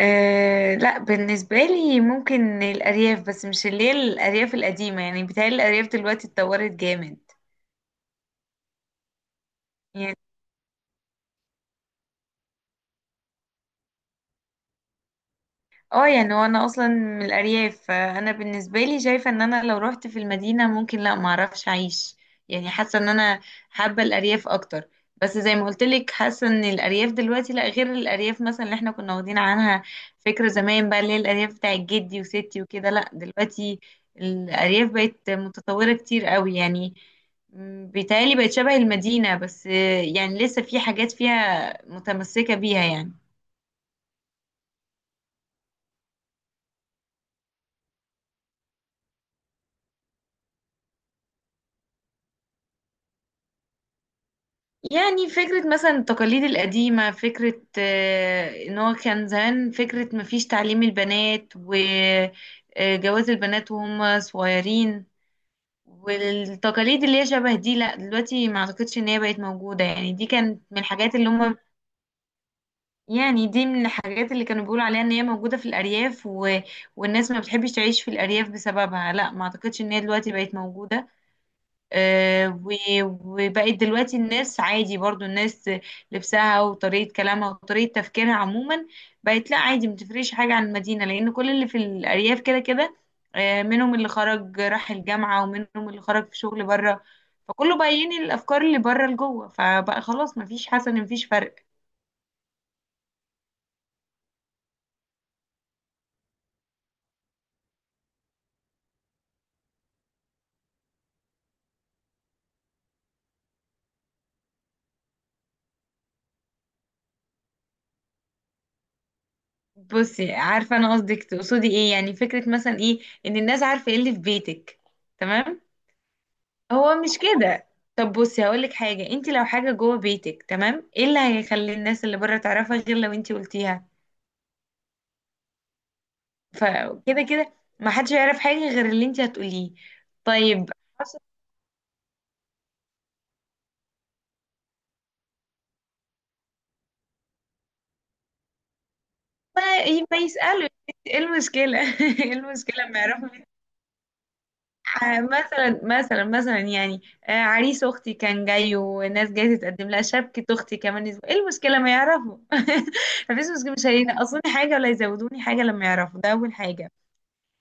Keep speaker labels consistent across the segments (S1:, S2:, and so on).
S1: أه، لا، بالنسبة لي ممكن الأرياف، بس مش اللي هي الأرياف القديمة، يعني بتهيألي الأرياف دلوقتي اتطورت جامد. يعني اه يعني وانا اصلا من الارياف، فانا بالنسبه لي شايفه ان انا لو رحت في المدينه ممكن، لا، ما اعرفش اعيش. يعني حاسه ان انا حابه الارياف اكتر. بس زي ما قلت لك، حاسه ان الارياف دلوقتي لا، غير الارياف مثلا اللي احنا كنا واخدين عنها فكره زمان، بقى اللي هي الارياف بتاعت جدي وستي وكده، لا دلوقتي الارياف بقت متطوره كتير قوي يعني. بيتهيألي بقت شبه المدينه، بس يعني لسه في حاجات فيها متمسكه بيها يعني. يعني فكرة مثلا التقاليد القديمة، فكرة، ان هو كان زمان، فكرة مفيش تعليم البنات وجواز البنات وهم صغيرين. والتقاليد اللي هي شبه دي، لا دلوقتي ما اعتقدش ان هي بقت موجودة، يعني دي كانت من الحاجات اللي هم، يعني دي من الحاجات اللي كانوا بيقولوا عليها ان هي موجودة في الارياف، و والناس ما بتحبش تعيش في الارياف بسببها. لا، ما اعتقدش ان هي دلوقتي بقت موجودة. آه، و- وبقت دلوقتي الناس عادي، برضو الناس لبسها وطريقة كلامها وطريقة تفكيرها عموما بقت، لا عادي متفرقش حاجة عن المدينة، لأن كل اللي في الأرياف كده كده. منهم اللي خرج راح الجامعة، ومنهم اللي خرج في شغل بره، فكله بقى ينقل الأفكار اللي بره لجوه، فبقى خلاص مفيش حسن، مفيش فرق. بصي، عارفة أنا قصدك، تقصدي إيه، يعني فكرة مثلا إيه، إن الناس عارفة إيه اللي في بيتك. تمام، هو مش كده. طب بصي هقولك حاجة، انت لو حاجة جوه بيتك تمام، ايه اللي هيخلي الناس اللي بره تعرفها غير لو انت قلتيها؟ فكده كده ما حدش يعرف حاجة غير اللي انت هتقوليه. طيب، عشان ما ما يسألوا. ايه المشكلة ايه المشكلة ما يعرفوا مين؟ مثلا يعني، عريس اختي كان جاي، وناس جايه تتقدم لها شبكة اختي كمان اسبوع، ايه المشكلة ما يعرفوا؟ مفيش مشكلة، مش هينقصوني حاجة ولا يزودوني حاجة لما يعرفوا. ده اول حاجة.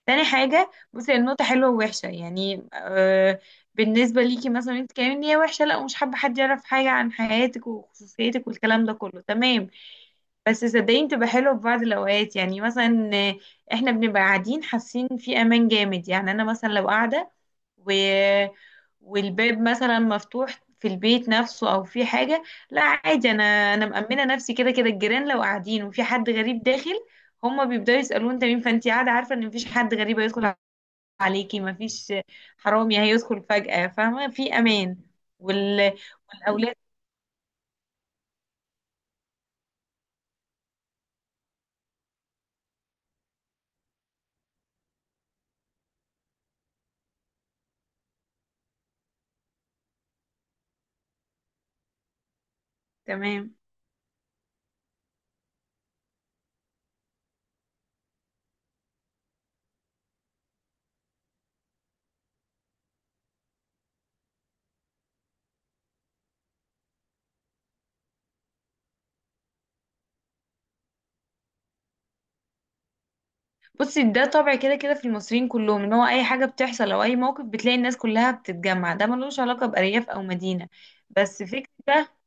S1: تاني حاجة، بصي النقطة حلوة ووحشة يعني، بالنسبة ليكي مثلا انت كمان ان هي وحشة، لا، ومش حابة حد يعرف حاجة عن حياتك وخصوصيتك والكلام ده كله، تمام. بس صدقيني، بتبقى حلوة في بعض الأوقات، يعني مثلا احنا بنبقى قاعدين حاسين في أمان جامد. يعني أنا مثلا لو قاعدة، و والباب مثلا مفتوح في البيت نفسه أو في حاجة، لا عادي، أنا مأمنة نفسي كده كده. الجيران لو قاعدين وفي حد غريب داخل، هما بيبداوا يسألوه انت مين، فانت قاعدة عارفة ان مفيش حد غريب هيدخل عليكي، مفيش حرامي هيدخل فجأة، فاهمة، في امان. وال... والاولاد، تمام. بصي ده طبع كده كده في المصريين كلهم، ان هو اي حاجة بتحصل او اي موقف بتلاقي الناس كلها بتتجمع، ده ملوش علاقة بأرياف او مدينة، بس فكرة ده.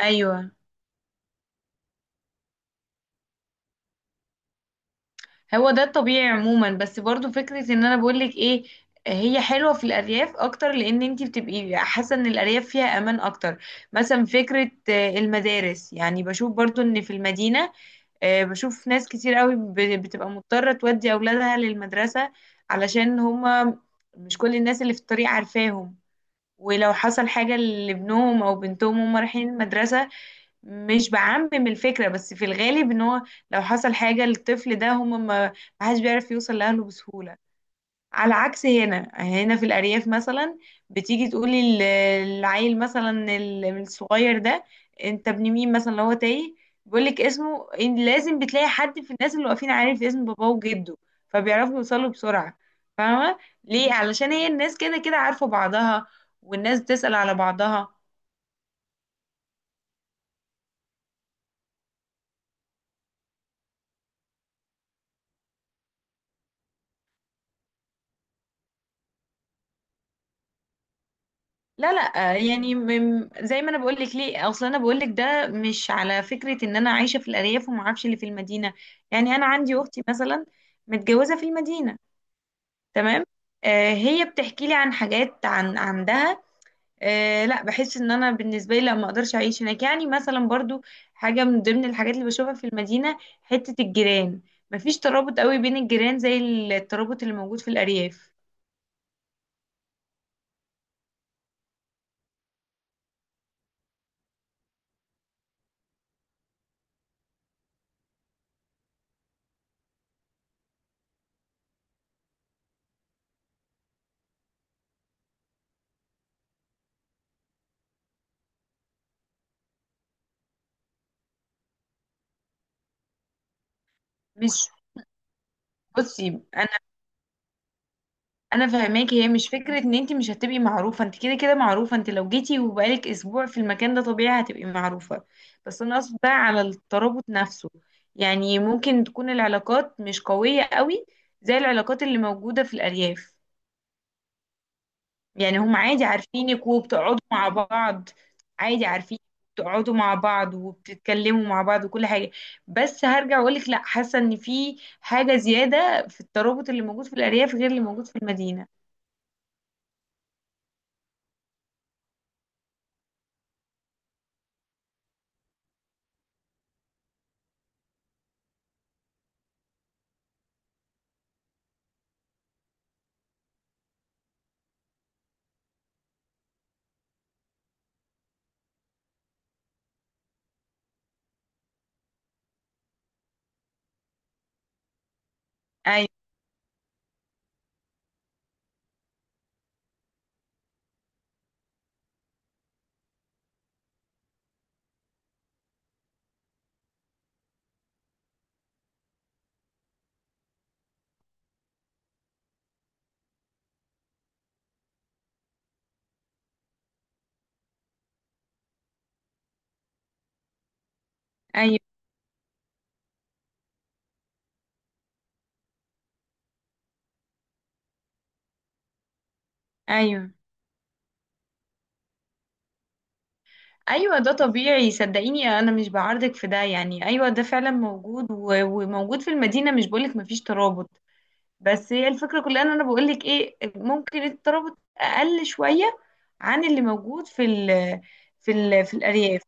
S1: ايوه، هو ده الطبيعي عموما، بس برضو فكرة ان انا بقولك ايه، هي حلوة في الأرياف أكتر، لأن انتي بتبقي حاسة ان الأرياف فيها أمان أكتر. مثلا فكرة المدارس، يعني بشوف برضو ان في المدينة، بشوف ناس كتير قوي بتبقى مضطرة تودي أولادها للمدرسة علشان هما مش كل الناس اللي في الطريق عارفاهم، ولو حصل حاجة لابنهم أو بنتهم هما رايحين المدرسة. مش بعمم الفكرة، بس في الغالب ان هو لو حصل حاجة للطفل ده، هم ما حدش بيعرف يوصل لأهله بسهولة. على عكس هنا في الأرياف مثلا بتيجي تقولي العيل مثلا، الصغير ده انت ابن مين مثلا، لو هو تايه بيقولك اسمه، إن لازم بتلاقي حد في الناس اللي واقفين عارف اسم باباه وجده، فبيعرفوا يوصلوا بسرعة، فاهمة. ليه؟ علشان هي الناس كده كده عارفة بعضها، والناس تسأل على بعضها. لا، لا، آه، يعني م- زي ما انا بقول لك ليه، اصل انا بقول لك ده مش على فكره ان انا عايشه في الارياف وما اعرفش اللي في المدينه. يعني انا عندي اختي مثلا متجوزه في المدينه، تمام، هي بتحكي لي عن حاجات عن عندها. لا، بحس ان انا بالنسبه لي لا ما اقدرش اعيش هناك، يعني مثلا برضو حاجه من ضمن الحاجات اللي بشوفها في المدينه، حته الجيران مفيش ترابط قوي بين الجيران زي الترابط اللي موجود في الارياف، مش. بصي، انا فاهماكي. هي مش فكره ان انت مش هتبقي معروفه، انت كده كده معروفه، انت لو جيتي وبقالك اسبوع في المكان ده طبيعي هتبقي معروفه. بس انا قصدي بقى على الترابط نفسه، يعني ممكن تكون العلاقات مش قويه قوي زي العلاقات اللي موجوده في الارياف. يعني هم عادي عارفينك وبتقعدوا مع بعض، عادي عارفين بتقعدوا مع بعض وبتتكلموا مع بعض وكل حاجه، بس هرجع اقولك لا، حاسه ان في حاجه زياده في الترابط اللي موجود في الارياف غير اللي موجود في المدينه. ايوه، ايوه، ايوه، ايوه، ده طبيعي. صدقيني انا مش بعارضك في ده، يعني ايوه ده فعلا موجود و- وموجود في المدينه، مش بقولك مفيش ترابط. بس هي الفكره كلها ان انا بقولك ايه، ممكن الترابط اقل شويه عن اللي موجود في الارياف.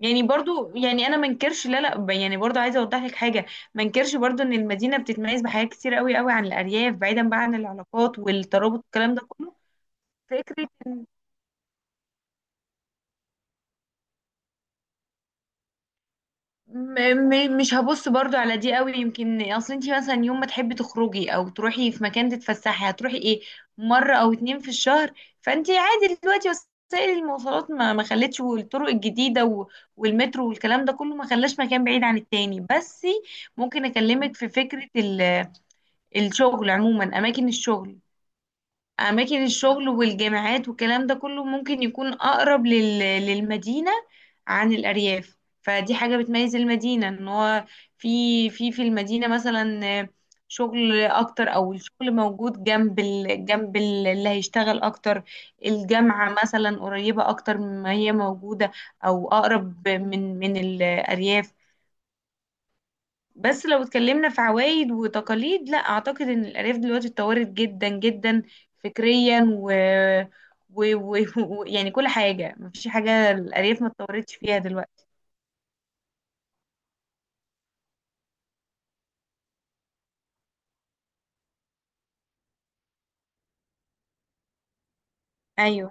S1: يعني برضو، يعني انا منكرش، لا، لا، يعني برضو عايزه اوضح لك حاجه، منكرش برضو ان المدينه بتتميز بحاجات كتير قوي قوي عن الارياف بعيدا بقى عن العلاقات والترابط الكلام ده كله. فكره، م- مش هبص برضو على دي قوي، يمكن اصل انتي مثلا يوم ما تحبي تخرجي او تروحي في مكان تتفسحي، هتروحي ايه، مرة او اتنين في الشهر. فانتي عادي، دلوقتي وسائل المواصلات ما خلتش، والطرق الجديدة و- والمترو والكلام ده كله ما خلاش مكان بعيد عن التاني، بس ممكن اكلمك في فكرة الشغل عموما، اماكن الشغل والجامعات والكلام ده كله ممكن يكون اقرب للمدينة عن الارياف. فدي حاجة بتميز المدينة ان هو في المدينة مثلا شغل اكتر، او الشغل موجود اللي هيشتغل اكتر. الجامعة مثلا قريبة اكتر ما هي موجودة، او اقرب من الارياف. بس لو اتكلمنا في عوايد وتقاليد، لا اعتقد ان الارياف دلوقتي اتطورت جدا جدا، فكريا يعني كل حاجه مفيش حاجه الارياف ما اتطورتش فيها دلوقتي. ايوه،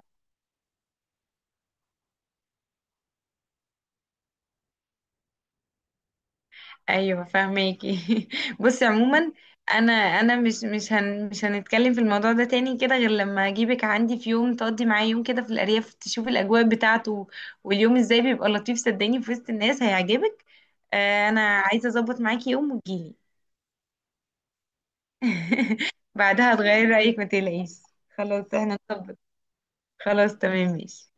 S1: ايوه، فاهماكي. بصي عموما، انا مش هنتكلم في الموضوع ده تاني كده، غير لما اجيبك عندي في يوم تقضي معايا يوم كده في الارياف، تشوف الاجواء بتاعته واليوم ازاي بيبقى لطيف، صدقني في وسط الناس هيعجبك. انا عايزه اظبط معاكي يوم وتجيلي. بعدها هتغيري رأيك، ما تقلقيش. خلاص احنا نطبق، خلاص تمام ماشي.